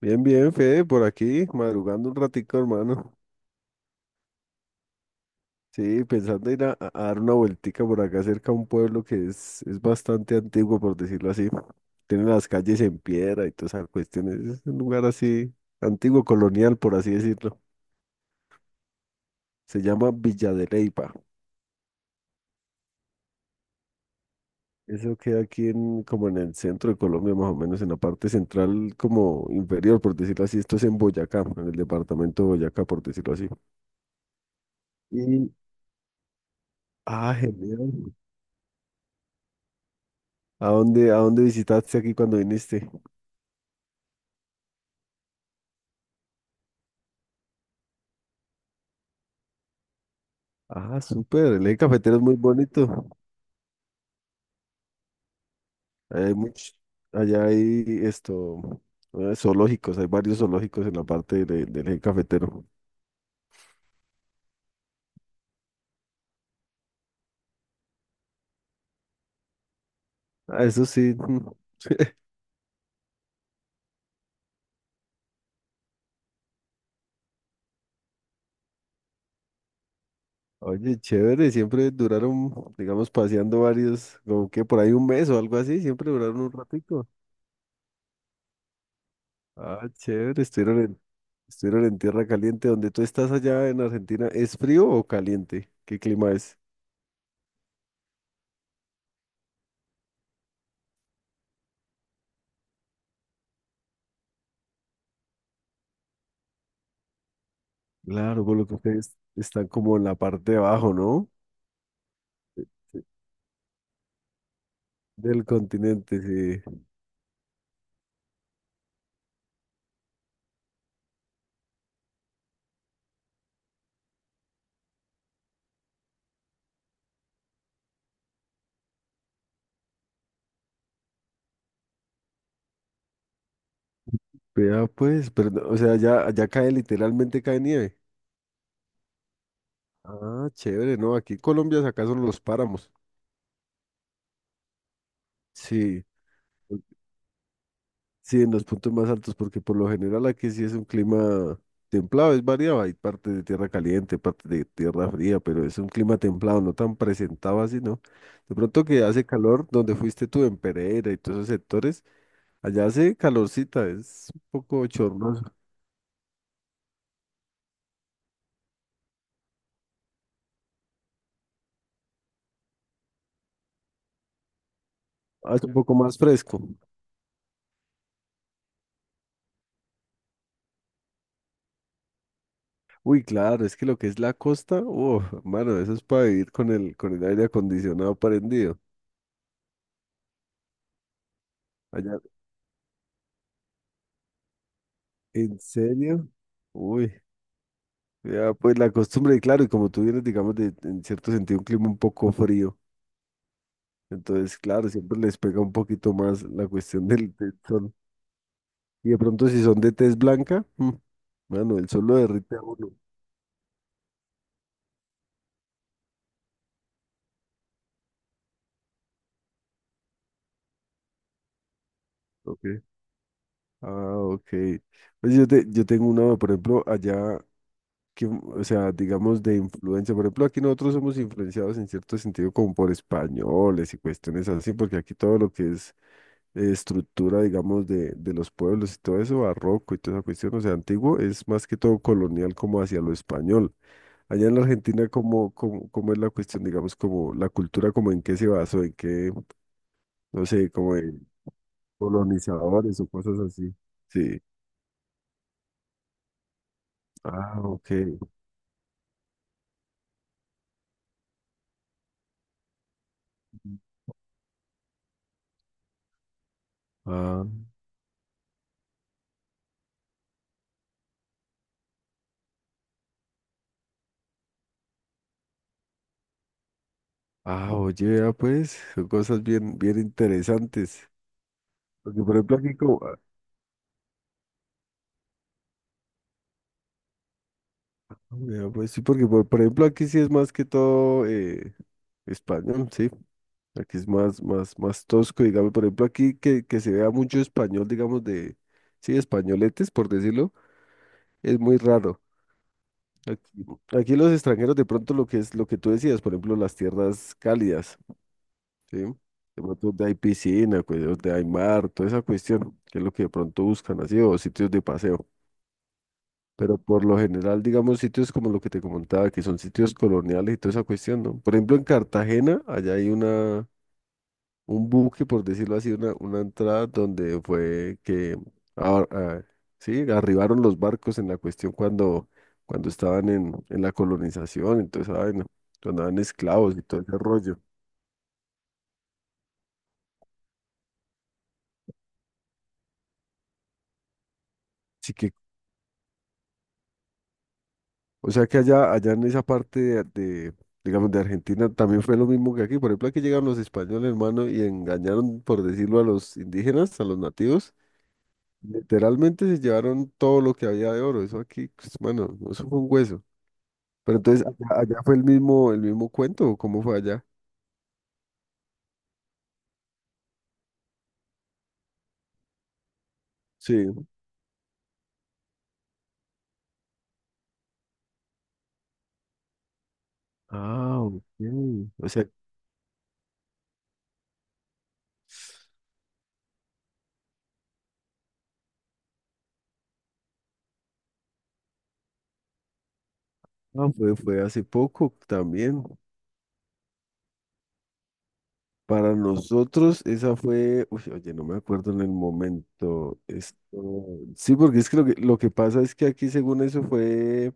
Bien, bien, Fede, por aquí, madrugando un ratico, hermano. Sí, pensando ir a dar una vueltica por acá cerca a un pueblo que es bastante antiguo, por decirlo así. Tiene las calles en piedra y todas esas cuestiones. Es un lugar así, antiguo colonial, por así decirlo. Se llama Villa de Leyva. Eso queda aquí en, como en el centro de Colombia, más o menos, en la parte central, como inferior, por decirlo así. Esto es en Boyacá, en el departamento de Boyacá, por decirlo así. Y, ah, genial. ¿A dónde visitaste aquí cuando viniste? Ah, súper. El eje cafetero es muy bonito. Allá hay mucho, allá hay esto, zoológicos, hay varios zoológicos en la parte del eje cafetero. Ah, eso sí. Mm. Oye, chévere, siempre duraron, digamos, paseando varios, como que por ahí un mes o algo así, siempre duraron un ratico. Ah, chévere, estuvieron en tierra caliente. ¿Donde tú estás allá en Argentina? ¿Es frío o caliente? ¿Qué clima es? Claro, por lo que ustedes están como en la parte de abajo, ¿no? Eh, eh, Del continente, sí. Vea pues, pero, no, o sea, ya cae, literalmente cae nieve. Ah, chévere, ¿no? Aquí en Colombia acá son los páramos. Sí, sí, en los puntos más altos, porque por lo general aquí sí es un clima templado, es variado, hay partes de tierra caliente, partes de tierra fría, pero es un clima templado, no tan presentado así, ¿no? De pronto que hace calor donde fuiste tú, en Pereira y todos esos sectores. Allá hace calorcita, es un poco chornoso. Ah, es un poco más fresco. Uy, claro, es que lo que es la costa, oh, mano, eso es para vivir con el aire acondicionado prendido. Allá, ¿en serio? Uy, ya, pues la costumbre, y claro, y como tú vienes, digamos, de, en cierto sentido, un clima un poco frío, entonces, claro, siempre les pega un poquito más la cuestión del, del sol. Y de pronto, si son de tez blanca, mm, mano, el sol lo derrite a uno. Ok. Ah, ok. Pues yo tengo una, por ejemplo, allá, que, o sea, digamos de influencia. Por ejemplo, aquí nosotros somos influenciados en cierto sentido como por españoles y cuestiones así, porque aquí todo lo que es estructura, digamos, de los pueblos y todo eso, barroco y toda esa cuestión, o sea, antiguo, es más que todo colonial como hacia lo español. Allá en la Argentina, ¿cómo es la cuestión, digamos, como la cultura, como en qué se basó, en qué, no sé, como en colonizadores o cosas así? Sí. Ah, ok. Ah, Oye, vea pues, son cosas bien, bien interesantes. Porque por ejemplo aquí como, ah, vea, pues sí, porque por ejemplo aquí sí es más que todo español, sí. Aquí es más, más, más tosco, digamos, por ejemplo aquí que se vea mucho español, digamos, de, sí, españoletes, por decirlo, es muy raro. Aquí, aquí los extranjeros de pronto lo que es lo que tú decías, por ejemplo, las tierras cálidas. ¿Sí? De pronto donde hay piscina, pues, donde hay mar, toda esa cuestión, que es lo que de pronto buscan así, o sitios de paseo. Pero por lo general, digamos, sitios como lo que te comentaba, que son sitios coloniales y toda esa cuestión, ¿no? Por ejemplo, en Cartagena, allá hay un buque, por decirlo así, una entrada donde fue que, ah, ah, sí, arribaron los barcos en la cuestión cuando estaban en la colonización, entonces, vaina, cuando eran esclavos y todo ese rollo. Así que o sea que allá en esa parte digamos, de Argentina también fue lo mismo que aquí. Por ejemplo, aquí llegaron los españoles, hermano, y engañaron, por decirlo, a los indígenas, a los nativos. Literalmente se llevaron todo lo que había de oro. Eso aquí, pues, bueno, eso fue un hueso. Pero entonces, allá, allá fue el mismo cuento, ¿o ¿cómo fue allá? Sí. Ah, ok. O sea, ah, fue, fue hace poco también. Para nosotros esa fue, uy, oye, no me acuerdo en el momento. Esto, sí, porque es que lo que, lo que pasa es que aquí según eso fue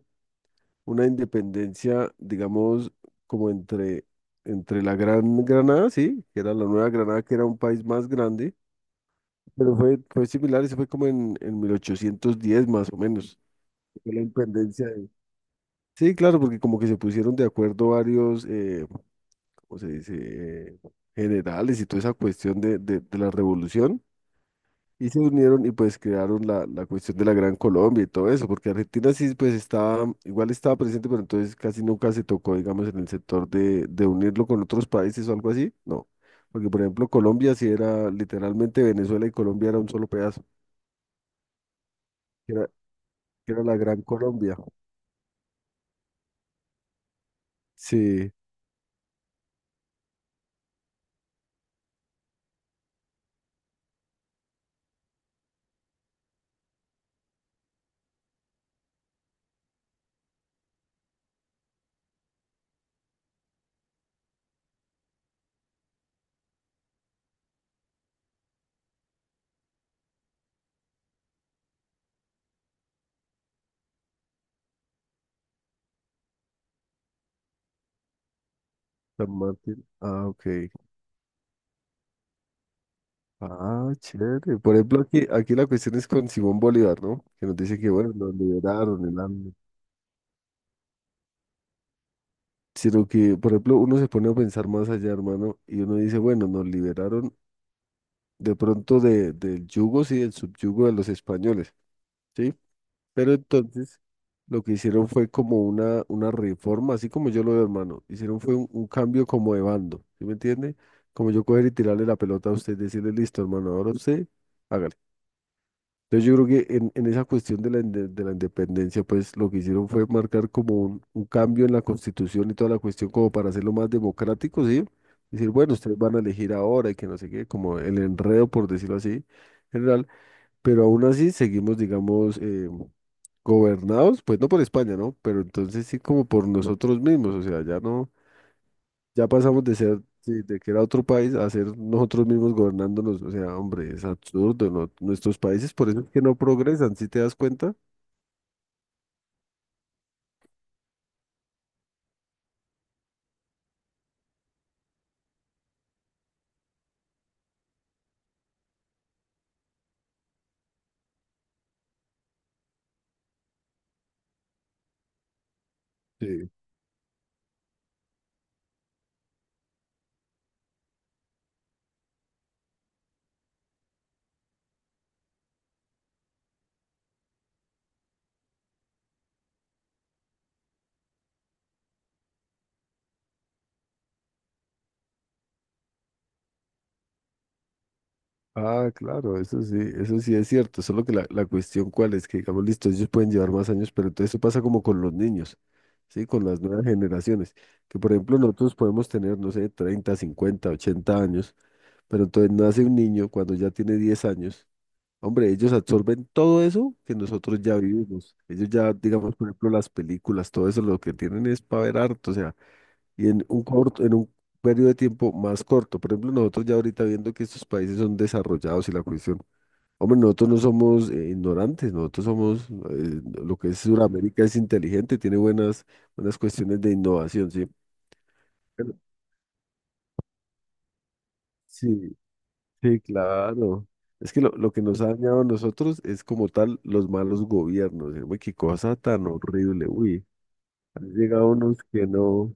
una independencia, digamos, como entre, entre la Gran Granada, sí, que era la Nueva Granada, que era un país más grande, pero fue, fue similar, eso fue como en 1810 más o menos. Fue la independencia de- Sí, claro, porque como que se pusieron de acuerdo varios, ¿cómo se dice? eh, Generales y toda esa cuestión de, de la revolución. Y se unieron y pues crearon la cuestión de la Gran Colombia y todo eso, porque Argentina sí pues estaba, igual estaba presente, pero entonces casi nunca se tocó, digamos, en el sector de unirlo con otros países o algo así, no. Porque por ejemplo Colombia sí era literalmente Venezuela y Colombia era un solo pedazo, que era, que era la Gran Colombia. Sí, San Martín. Ah, ok. Ah, chévere. Por ejemplo aquí la cuestión es con Simón Bolívar, ¿no? Que nos dice que bueno, nos liberaron el alma. Sino que, por ejemplo, uno se pone a pensar más allá, hermano, y uno dice, bueno, nos liberaron de pronto del yugo, sí, del subyugo de los españoles, ¿sí? Pero entonces lo que hicieron fue como una reforma, así como yo lo veo, hermano, hicieron fue un cambio como de bando, ¿sí me entiende? Como yo coger y tirarle la pelota a usted y decirle, listo, hermano, ahora usted, hágale. Entonces yo creo que en esa cuestión de la independencia, pues lo que hicieron fue marcar como un cambio en la constitución y toda la cuestión como para hacerlo más democrático, ¿sí? Decir, bueno, ustedes van a elegir ahora y que no sé qué, como el enredo, por decirlo así, general, pero aún así seguimos, digamos, gobernados, pues no por España, ¿no? Pero entonces sí como por nosotros mismos, o sea, ya no. Ya pasamos de ser, sí, de que era otro país a ser nosotros mismos gobernándonos. O sea, hombre, es absurdo, ¿no? Nuestros países, por eso es que no progresan, ¿sí te das cuenta? Sí. Ah, claro, eso sí es cierto. Solo que la cuestión cuál es, que digamos, listo, ellos pueden llevar más años, pero entonces eso pasa como con los niños, ¿sí? Con las nuevas generaciones. Que por ejemplo nosotros podemos tener, no sé, 30 50 80 años, pero entonces nace un niño cuando ya tiene 10 años. Hombre, ellos absorben todo eso que nosotros ya vivimos. Ellos ya, digamos, por ejemplo, las películas, todo eso lo que tienen es para ver harto, o sea, y en un corto, en un periodo de tiempo más corto. Por ejemplo, nosotros ya ahorita viendo que estos países son desarrollados y la cuestión. Hombre, nosotros no somos ignorantes, nosotros somos, lo que es Sudamérica es inteligente, tiene buenas, buenas cuestiones de innovación, ¿sí? Pero sí, sí, claro. Es que lo que nos ha dañado a nosotros es como tal los malos gobiernos. Uy, qué cosa tan horrible. Uy, han llegado unos que no.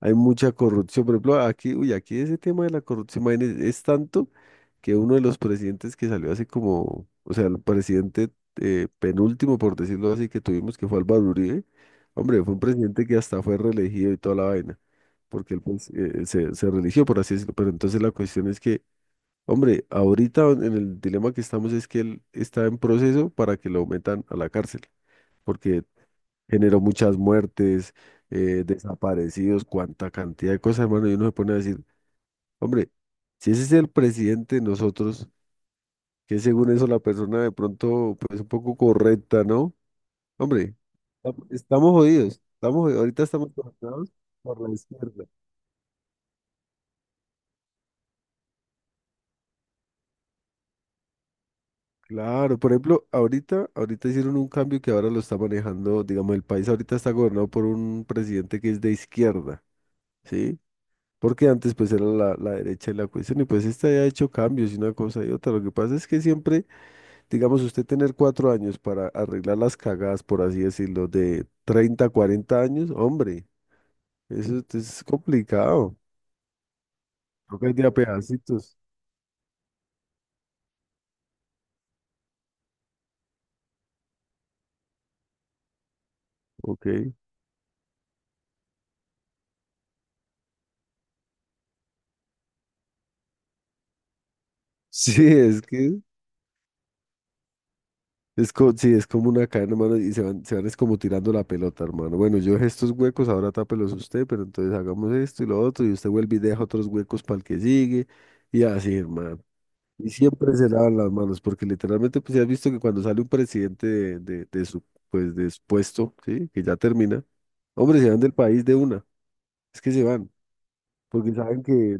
Hay mucha corrupción. Por ejemplo, aquí, uy, aquí ese tema de la corrupción, imagínese, es tanto que uno de los presidentes que salió hace como, o sea, el presidente penúltimo, por decirlo así, que tuvimos, que fue Álvaro Uribe, hombre, fue un presidente que hasta fue reelegido y toda la vaina, porque él pues, se reeligió, por así decirlo. Pero entonces la cuestión es que hombre, ahorita en el dilema que estamos es que él está en proceso para que lo metan a la cárcel, porque generó muchas muertes, desaparecidos, cuánta cantidad de cosas, hermano, y uno se pone a decir, hombre, si ese es el presidente de nosotros, que según eso la persona de pronto, pues un poco correcta, ¿no? Hombre, estamos jodidos, estamos, ahorita estamos gobernados por la izquierda. Claro, por ejemplo, ahorita, ahorita hicieron un cambio que ahora lo está manejando, digamos, el país ahorita está gobernado por un presidente que es de izquierda, ¿sí? Porque antes pues era la derecha y la cuestión y pues esta ya ha hecho cambios y una cosa y otra. Lo que pasa es que siempre, digamos, usted tener 4 años para arreglar las cagadas, por así decirlo, de 30, 40 años, hombre, eso es complicado. Toca ir de a pedacitos. Ok. Sí, es que es co- sí, es como una cadena, hermano, y se van es como tirando la pelota, hermano. Bueno, yo dejé estos huecos, ahora tápelos usted, pero entonces hagamos esto y lo otro, y usted vuelve y deja otros huecos para el que sigue, y así, hermano. Y siempre se lavan las manos, porque literalmente, pues ya has visto que cuando sale un presidente de su puesto, ¿sí? Que ya termina, hombre, se van del país de una, es que se van, porque saben que,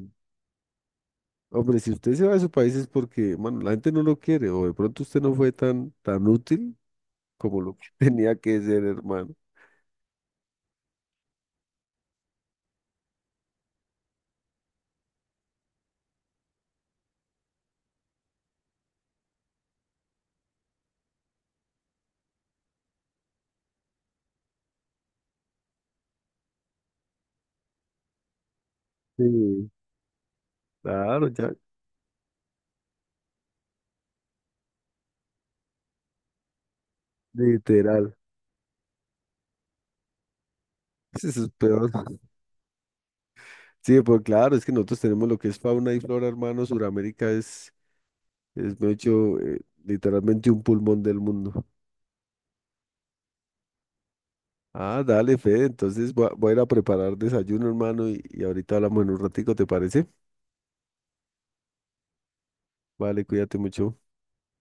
hombre, si usted se va de su país es porque, bueno, la gente no lo quiere, o de pronto usted no fue tan, tan útil como lo que tenía que ser, hermano. Sí, claro, ya, literal. Eso es peor. Sí, pues claro, es que nosotros tenemos lo que es fauna y flora, hermano. Suramérica es de hecho, literalmente un pulmón del mundo. Ah, dale, Fede. Entonces voy a, voy a ir a preparar desayuno, hermano, y ahorita hablamos en un ratico, ¿te parece? Vale, cuídate mucho.